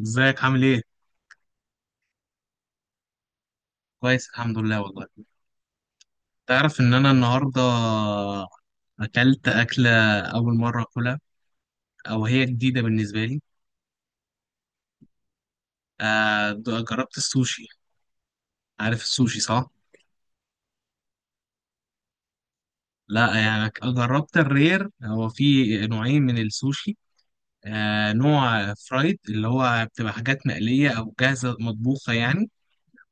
ازيك عامل ايه؟ كويس الحمد لله والله. تعرف ان انا النهارده اكلت اكله، اول مره اكلها، او هي جديده بالنسبه لي. جربت السوشي. عارف السوشي صح؟ لا، يعني جربت الرير. هو في نوعين من السوشي. نوع فرايد اللي هو بتبقى حاجات مقليه او جاهزه مطبوخه يعني،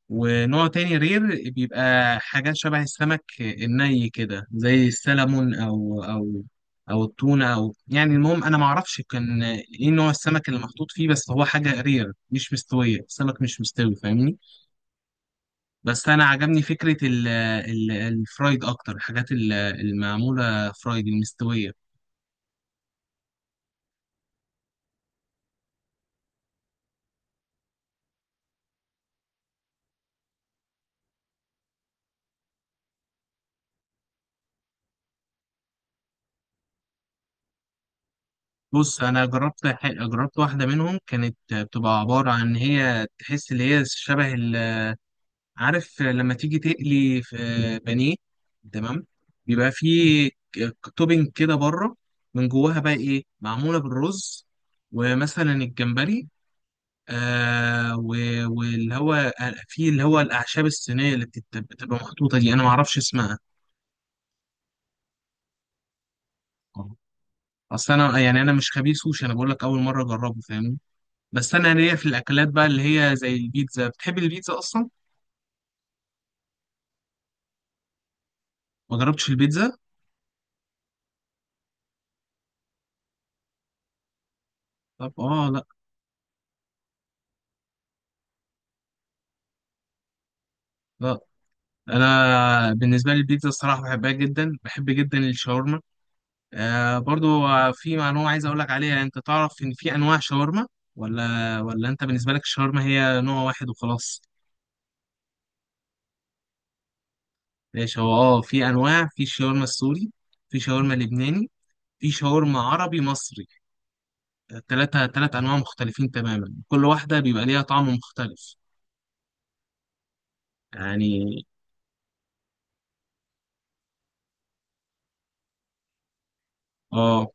ونوع تاني رير بيبقى حاجات شبه السمك الني كده زي السلمون او التونه، او يعني المهم انا ما اعرفش كان ايه نوع السمك اللي محطوط فيه، بس هو حاجه رير مش مستويه، السمك مش مستوي فاهمني. بس انا عجبني فكره ال ال الفرايد اكتر، الحاجات المعموله فرايد المستويه. بص انا جربت واحده منهم، كانت بتبقى عباره عن، هي تحس اللي هي شبه، عارف لما تيجي تقلي في بانيه، تمام، بيبقى فيه توبينج كده بره، من جواها بقى ايه معموله بالرز ومثلا الجمبري. واللي هو في اللي هو الاعشاب الصينيه اللي بتبقى محطوطه دي انا ما اعرفش اسمها. اصل انا، يعني انا مش خبير سوشي، انا بقول لك اول مره اجربه فاهمني. بس انا ليا في الاكلات بقى اللي هي زي البيتزا، بتحب البيتزا اصلا؟ ما جربتش البيتزا؟ طب اه، لا. لا انا بالنسبه لي البيتزا الصراحه بحبها جدا، بحب جدا الشاورما. برضو، في معلومه عايز اقول لك عليها. انت تعرف ان في انواع شاورما؟ ولا انت بالنسبه لك الشاورما هي نوع واحد وخلاص؟ ماشي. هو في انواع، في شاورما السوري، في شاورما لبناني، في شاورما عربي مصري. ثلاث انواع مختلفين تماما، كل واحده بيبقى ليها طعم مختلف يعني. اه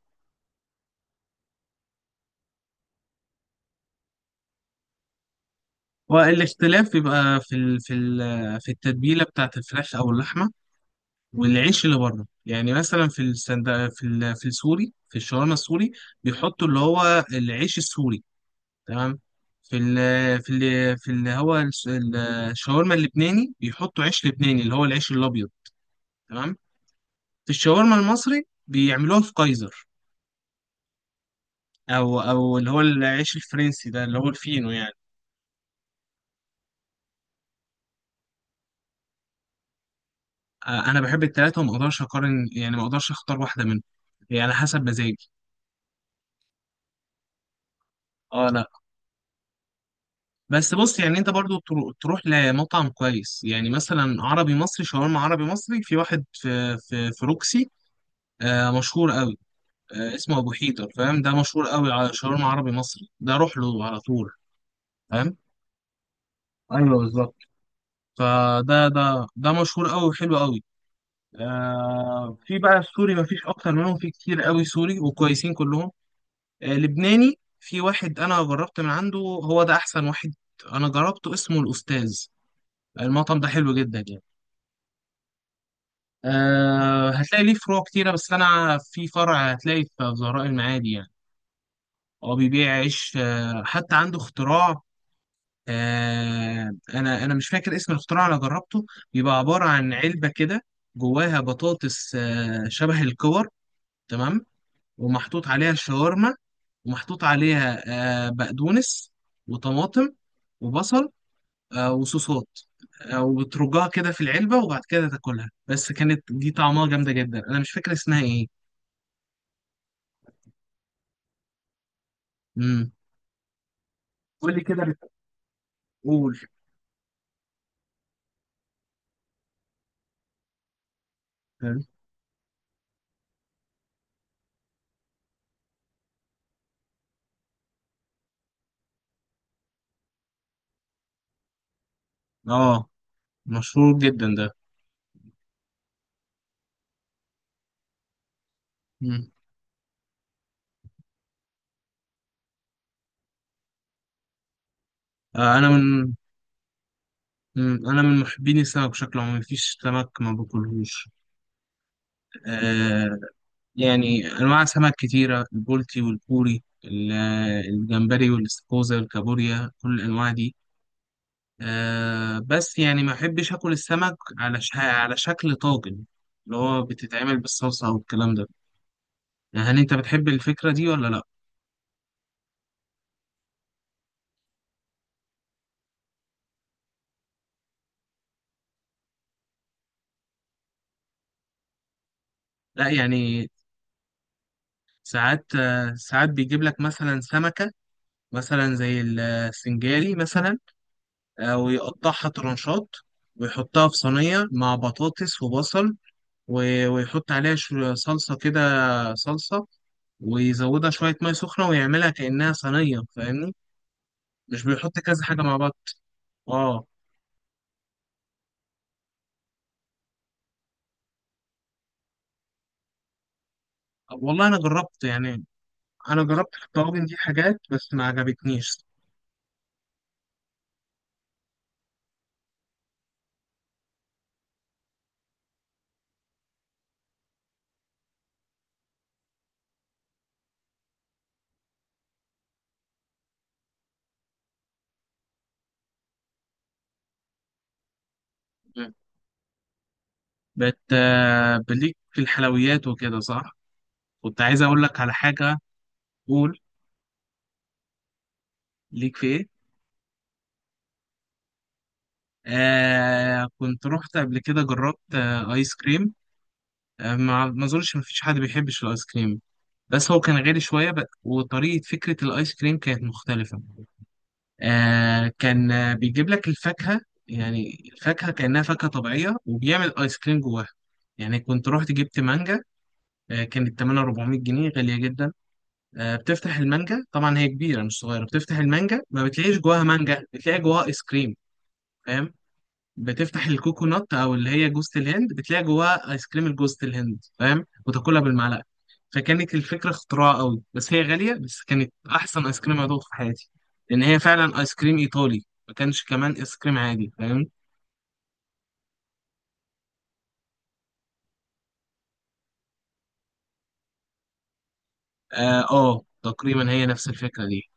والاختلاف بيبقى في التتبيله بتاعت الفراخ او اللحمه، والعيش اللي بره. يعني مثلا في السند... في ال... في السوري، في الشاورما السوري بيحطوا اللي هو العيش السوري، تمام. في ال... في ال... في اللي هو الس- ال- الشاورما اللبناني بيحطوا عيش لبناني، اللي هو العيش الابيض، تمام. في الشاورما المصري بيعملوها في كايزر، او اللي هو العيش الفرنسي ده اللي هو الفينو يعني. انا بحب التلاته وما اقدرش اقارن، يعني ما اقدرش اختار واحده منهم، يعني على حسب مزاجي. اه لا. بس بص يعني انت برضو تروح لمطعم كويس، يعني مثلا عربي مصري، شاورما عربي مصري في واحد في روكسي. مشهور قوي. اسمه ابو حيدر، فاهم؟ ده مشهور قوي على شاورما عربي مصري، ده روح له على طول، فاهم؟ ايوه بالظبط. فده ده ده مشهور قوي وحلو قوي. في بقى السوري، مفيش اكتر منهم، في كتير قوي سوري وكويسين كلهم. لبناني في واحد انا جربت من عنده، هو ده احسن واحد انا جربته، اسمه الاستاذ. المطعم ده حلو جدا يعني. هتلاقي ليه فروع كتيرة، بس أنا في فرع هتلاقي في زهراء المعادي يعني. هو بيبيع عيش. حتى عنده اختراع. أه أنا أنا مش فاكر اسم الاختراع. أنا جربته، بيبقى عبارة عن علبة كده، جواها بطاطس شبه الكور، تمام، ومحطوط عليها شاورما، ومحطوط عليها بقدونس وطماطم وبصل، وصوصات، وبترجها كده في العلبة، وبعد كده تاكلها. بس كانت دي طعمها جامدة جدا، أنا مش فاكر اسمها إيه. امم قول لي كده. بتقول؟ اه، مشهور جدا ده. امم آه انا من مم. انا من محبين السمك بشكل عام، مفيش سمك ما باكلهوش. آه يعني انواع سمك كتيره، البولتي والبوري الجمبري والاستاكوزا والكابوريا، كل الانواع دي. بس يعني ما احبش اكل السمك على شكل طاجن، اللي هو بتتعمل بالصلصه والكلام ده. هل انت بتحب الفكره دي ولا لا؟ لا يعني، ساعات بيجيب لك مثلا سمكة مثلا زي السنجاري مثلا، ويقطعها ترانشات، ويحطها في صينية مع بطاطس وبصل، ويحط عليها صلصة كده، صلصة، ويزودها شوية مية سخنة ويعملها كأنها صينية فاهمني. مش بيحط كذا حاجة مع بعض. اه والله أنا جربت يعني، أنا جربت في الطواجن دي حاجات بس ما عجبتنيش. مم. بت آه، بليك في الحلويات وكده صح؟ كنت عايز أقول لك على حاجة. قول، ليك في ايه؟ كنت رحت قبل كده جربت ايس كريم. ما اظنش ما فيش حد بيحبش الايس كريم. بس هو كان غالي شويه وطريقه، فكره الايس كريم كانت مختلفه. كان، بيجيب لك الفاكهه. يعني الفاكهه كانها فاكهه طبيعيه وبيعمل ايس كريم جواها. يعني كنت رحت جبت مانجا، كانت تمنها 400 جنيه، غالية جدا. بتفتح المانجا، طبعا هي كبيرة مش صغيرة، بتفتح المانجا ما بتلاقيش جواها مانجا، بتلاقي جواها ايس كريم، فاهم؟ بتفتح الكوكونات او اللي هي جوزة الهند، بتلاقي جواها ايس كريم جوزة الهند، فاهم؟ وتاكلها بالمعلقه. فكانت الفكره اختراع قوي، بس هي غاليه، بس كانت احسن ايس كريم ادوقه في حياتي، لان هي فعلا ايس كريم ايطالي. ما كانش كمان ايس كريم عادي، فاهم؟ اه، تقريبا هي نفس الفكره دي.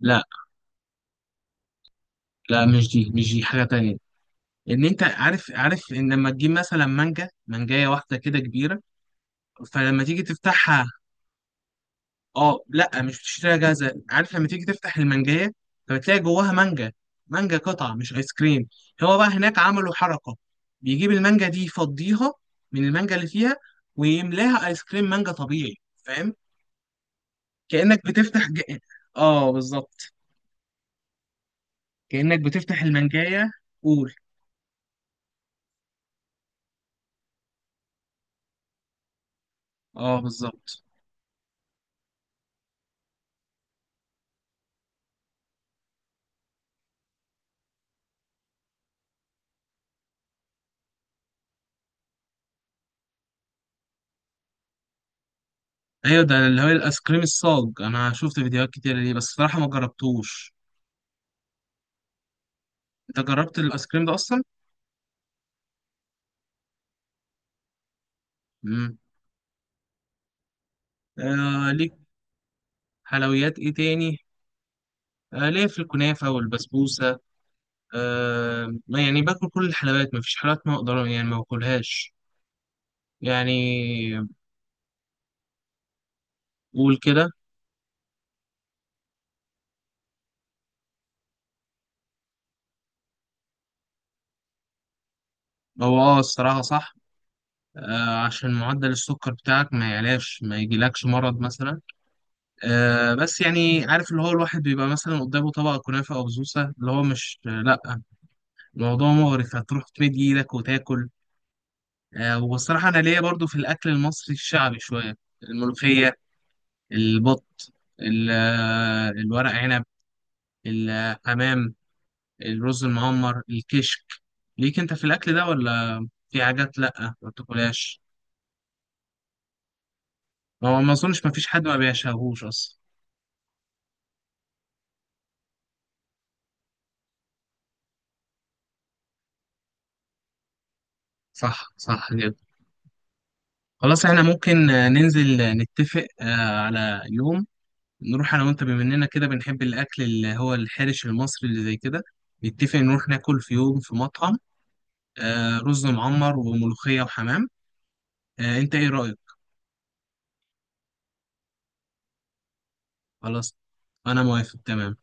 لا لا، مش دي حاجه تانية. ان انت عارف ان لما تجيب مثلا مانجا، مانجايه واحده كده كبيره، فلما تيجي تفتحها. اه لا، مش بتشتريها جاهزه. عارف لما تيجي تفتح المانجايه، فبتلاقي جواها مانجا، مانجا قطعه مش ايس كريم. هو بقى هناك عملوا حركه، بيجيب المانجا دي يفضيها من المانجا اللي فيها، ويملاها ايس كريم مانجا طبيعي، فاهم؟ كانك بتفتح ج... اه بالظبط، كانك بتفتح المانجايه. قول. اه بالظبط. ايوه ده اللي هو الايس كريم الصاج، انا شفت فيديوهات كتير ليه بس صراحه ما جربتوش. انت جربت الايس كريم ده اصلا؟ امم ليك حلويات ايه تاني ليا في الكنافة والبسبوسة. يعني باكل كل الحلويات، مفيش حلويات ما اقدر يعني ما باكلهاش يعني. قول كده. هو الصراحة صح. عشان معدل السكر بتاعك ما يعلاش، ما يجيلكش مرض مثلا. بس يعني عارف اللي هو الواحد بيبقى مثلا قدامه طبق كنافة أو بسبوسة اللي هو مش، لأ، الموضوع مغري، هتروح تمد إيدك وتاكل. والصراحة أنا ليا برضو في الأكل المصري الشعبي شوية، الملوخية، البط، الورق عنب، الحمام، الرز المعمر، الكشك. ليك انت في الاكل ده، ولا في حاجات لا ما بتاكلهاش؟ هو ما اظنش ما فيش حد ما بيشهوش اصلا. صح، صح جدا. خلاص احنا ممكن ننزل نتفق على يوم، نروح انا وانت، بما اننا كده بنحب الاكل اللي هو الحرش المصري اللي زي كده. نتفق نروح ناكل في يوم في مطعم، رز معمر وملوخية وحمام. انت ايه رأيك؟ خلاص انا موافق تمام.